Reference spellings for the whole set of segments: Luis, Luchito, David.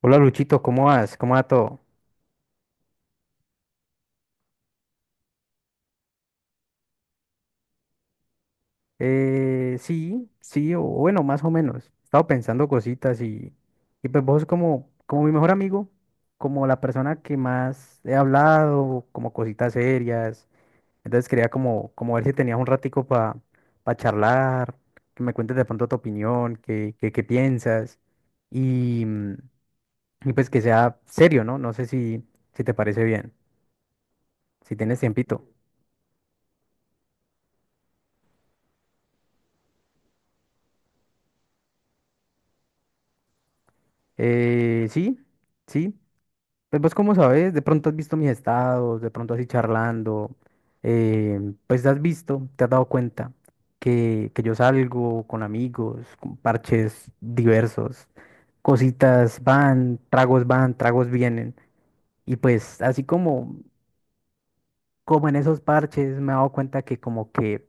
Hola Luchito, ¿cómo vas? ¿Cómo va todo? Sí, sí, o bueno, más o menos. He estado pensando cositas y pues vos como mi mejor amigo, como la persona que más he hablado, como cositas serias. Entonces quería como ver si tenías un ratico para charlar, que me cuentes de pronto tu opinión, qué piensas y, mm, y pues que sea serio, ¿no? No sé si te parece bien, si tienes tiempito. Sí, sí. Pues vos cómo sabes, de pronto has visto mis estados, de pronto así charlando, eh, pues has visto, te has dado cuenta que yo salgo con amigos, con parches diversos, cositas van, tragos vienen, y pues así como en esos parches me he dado cuenta que como que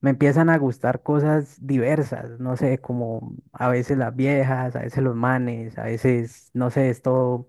me empiezan a gustar cosas diversas, no sé, como a veces las viejas, a veces los manes, a veces, no sé, es todo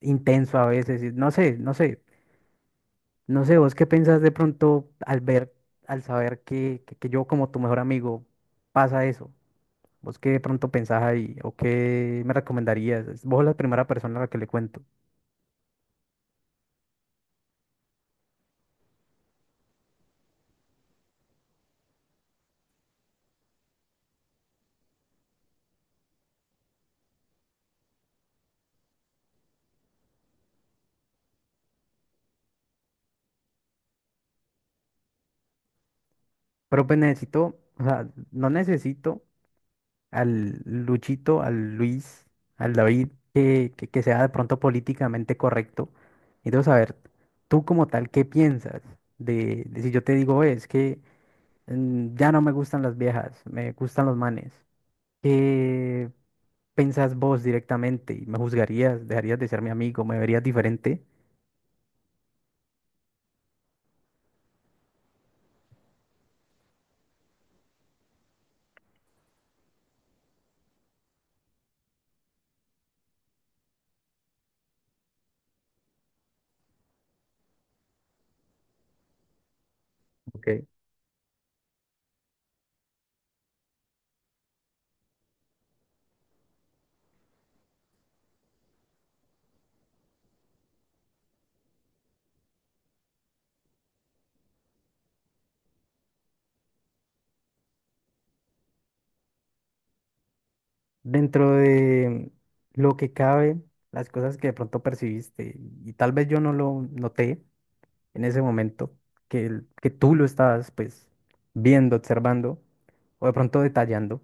intenso a veces, y no sé, no sé. No sé, vos qué pensás de pronto al ver, al saber que yo como tu mejor amigo pasa eso. ¿Vos qué de pronto pensás ahí o qué me recomendarías? Es- Vos la primera persona a la que le cuento. Pero pues necesito, o sea, no necesito al Luchito, al Luis, al David, que sea de pronto políticamente correcto, y debo saber, tú como tal, ¿qué piensas de si yo te digo: "Oye, es que ya no me gustan las viejas, me gustan los manes"? Pensás vos directamente y me juzgarías, dejarías de ser mi amigo, me verías diferente. Ok. Dentro de lo que cabe, las cosas que de pronto percibiste y tal vez yo no lo noté en ese momento, que, el- que tú lo estabas pues viendo, observando o de pronto detallando.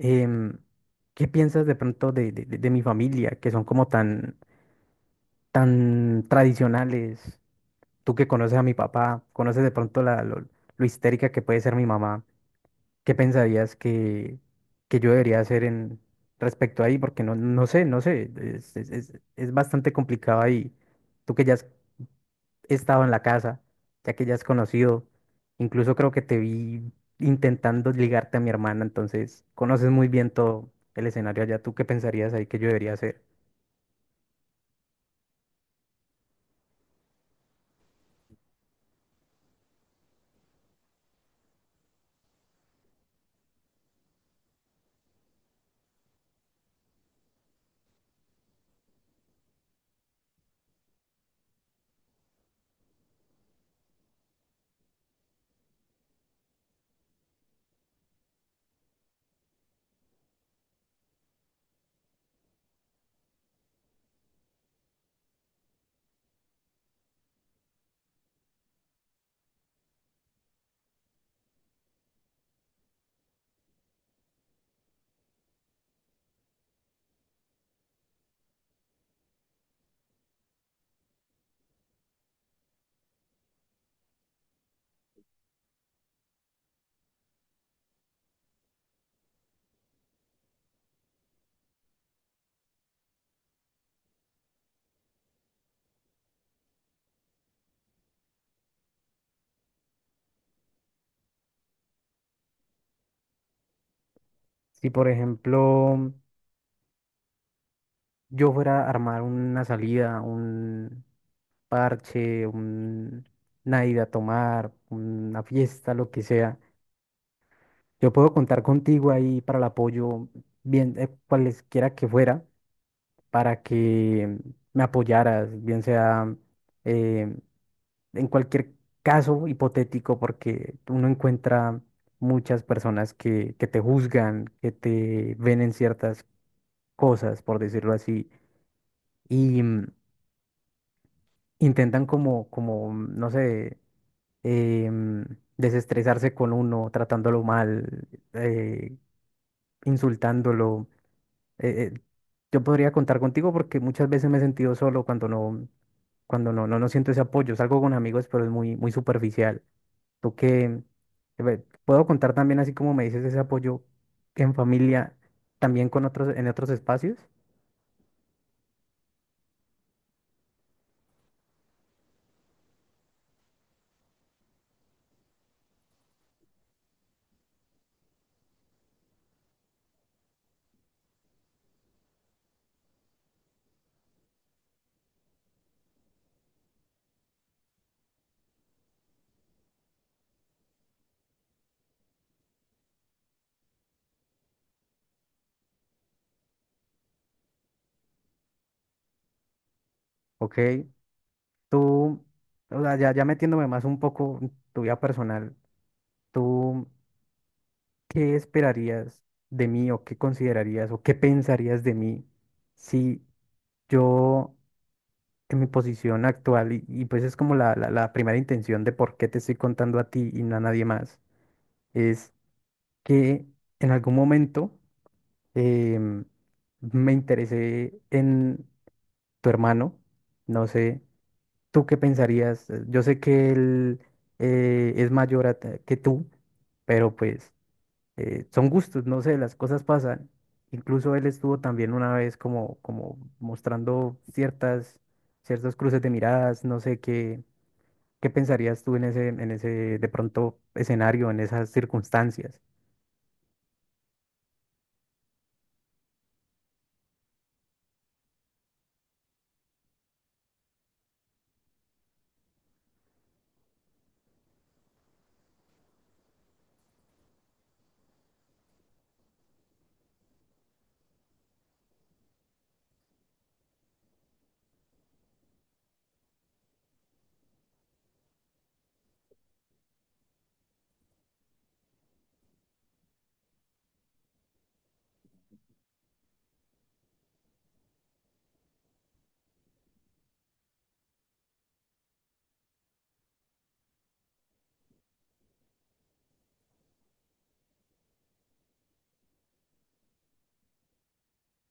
em, ¿Qué piensas de pronto de mi familia, que son como tan, tan tradicionales? Tú que conoces a mi papá, conoces de pronto lo histérica que puede ser mi mamá. ¿Qué pensarías que yo debería hacer en respecto ahí? Porque no, no sé, no sé, es bastante complicado ahí. Tú que ya has estado en la casa, ya que ya has conocido, incluso creo que te vi intentando ligarte a mi hermana, entonces conoces muy bien todo el escenario allá. ¿Tú qué pensarías ahí que yo debería hacer? Si, por ejemplo, yo fuera a armar una salida, un parche, una ida a tomar, una fiesta, lo que sea. Yo puedo contar contigo ahí para el apoyo, bien, cualesquiera que fuera, para que me apoyaras, bien sea eh, en cualquier caso hipotético, porque uno encuentra muchas personas que te juzgan, que te ven en ciertas cosas, por decirlo así, y mm, intentan no sé, eh, mm, desestresarse con uno, tratándolo mal, eh, insultándolo. eh, eh, yo podría contar contigo porque muchas veces me he sentido solo cuando no, cuando no siento ese apoyo. Salgo con amigos, pero es muy, muy superficial. Tú que ve, puedo contar también, así como me dices, ese apoyo en familia, también con otros, en otros espacios. Ok, tú, o sea, ya, ya metiéndome más un poco en tu vida personal, ¿tú qué esperarías de mí o qué considerarías o qué pensarías de mí si yo que mi posición actual y pues es como la primera intención de por qué te estoy contando a ti y no a nadie más, es que en algún momento em, me interesé en tu hermano, no sé, ¿tú qué pensarías? Yo sé que él es mayor a t- que tú, pero pues son gustos, no sé, las cosas pasan. Incluso él estuvo también una vez como mostrando ciertas, ciertos cruces de miradas, no sé qué. ¿Qué pensarías tú en en ese de pronto escenario, en esas circunstancias?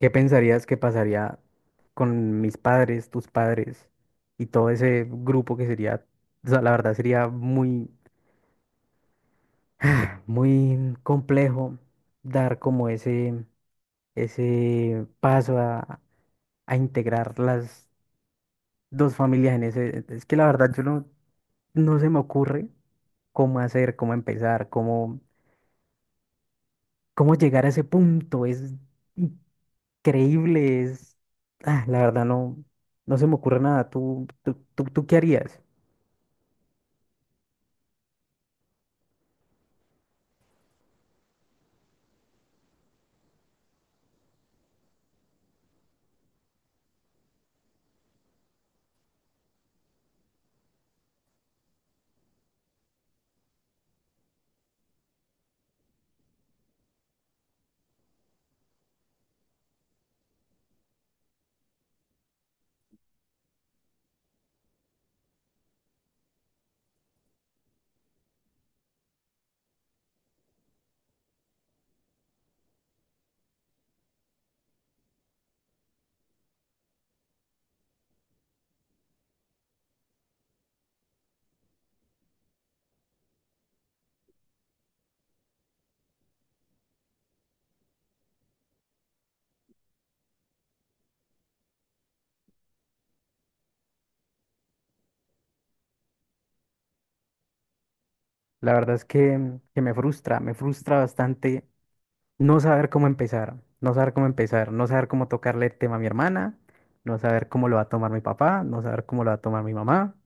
¿Qué pensarías que pasaría con mis padres, tus padres y todo ese grupo que sería, o sea, la verdad sería muy, muy complejo dar como ese paso a integrar las dos familias en ese. Es que la verdad yo no, no se me ocurre cómo hacer, cómo empezar, cómo llegar a ese punto. Es creíbles. Ah, la verdad no, no se me ocurre nada. Tú qué harías? La verdad es que me frustra bastante no saber cómo empezar, no saber cómo empezar, no saber cómo tocarle el tema a mi hermana, no saber cómo lo va a tomar mi papá, no saber cómo lo va a tomar mi mamá.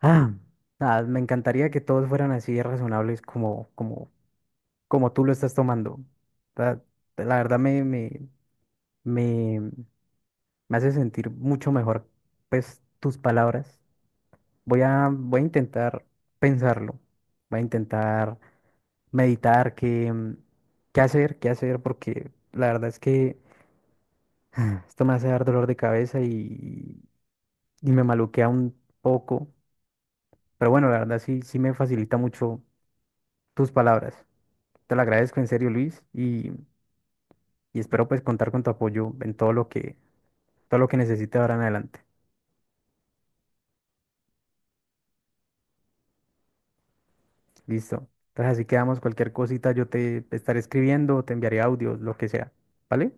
Ah, nada, me encantaría que todos fueran así de razonables como tú lo estás tomando. La, la verdad me, me hace sentir mucho mejor, pues, tus palabras. Voy a intentar pensarlo. Voy a intentar meditar qué hacer, porque la verdad es que esto me hace dar dolor de cabeza y me maluquea un poco. Pero bueno, la verdad sí, sí me facilita mucho tus palabras. Te lo agradezco en serio, Luis, y espero pues contar con tu apoyo en todo lo que necesite ahora en adelante. Listo. Entonces así quedamos, cualquier cosita yo te estaré escribiendo, te enviaré audios, lo que sea. ¿Vale?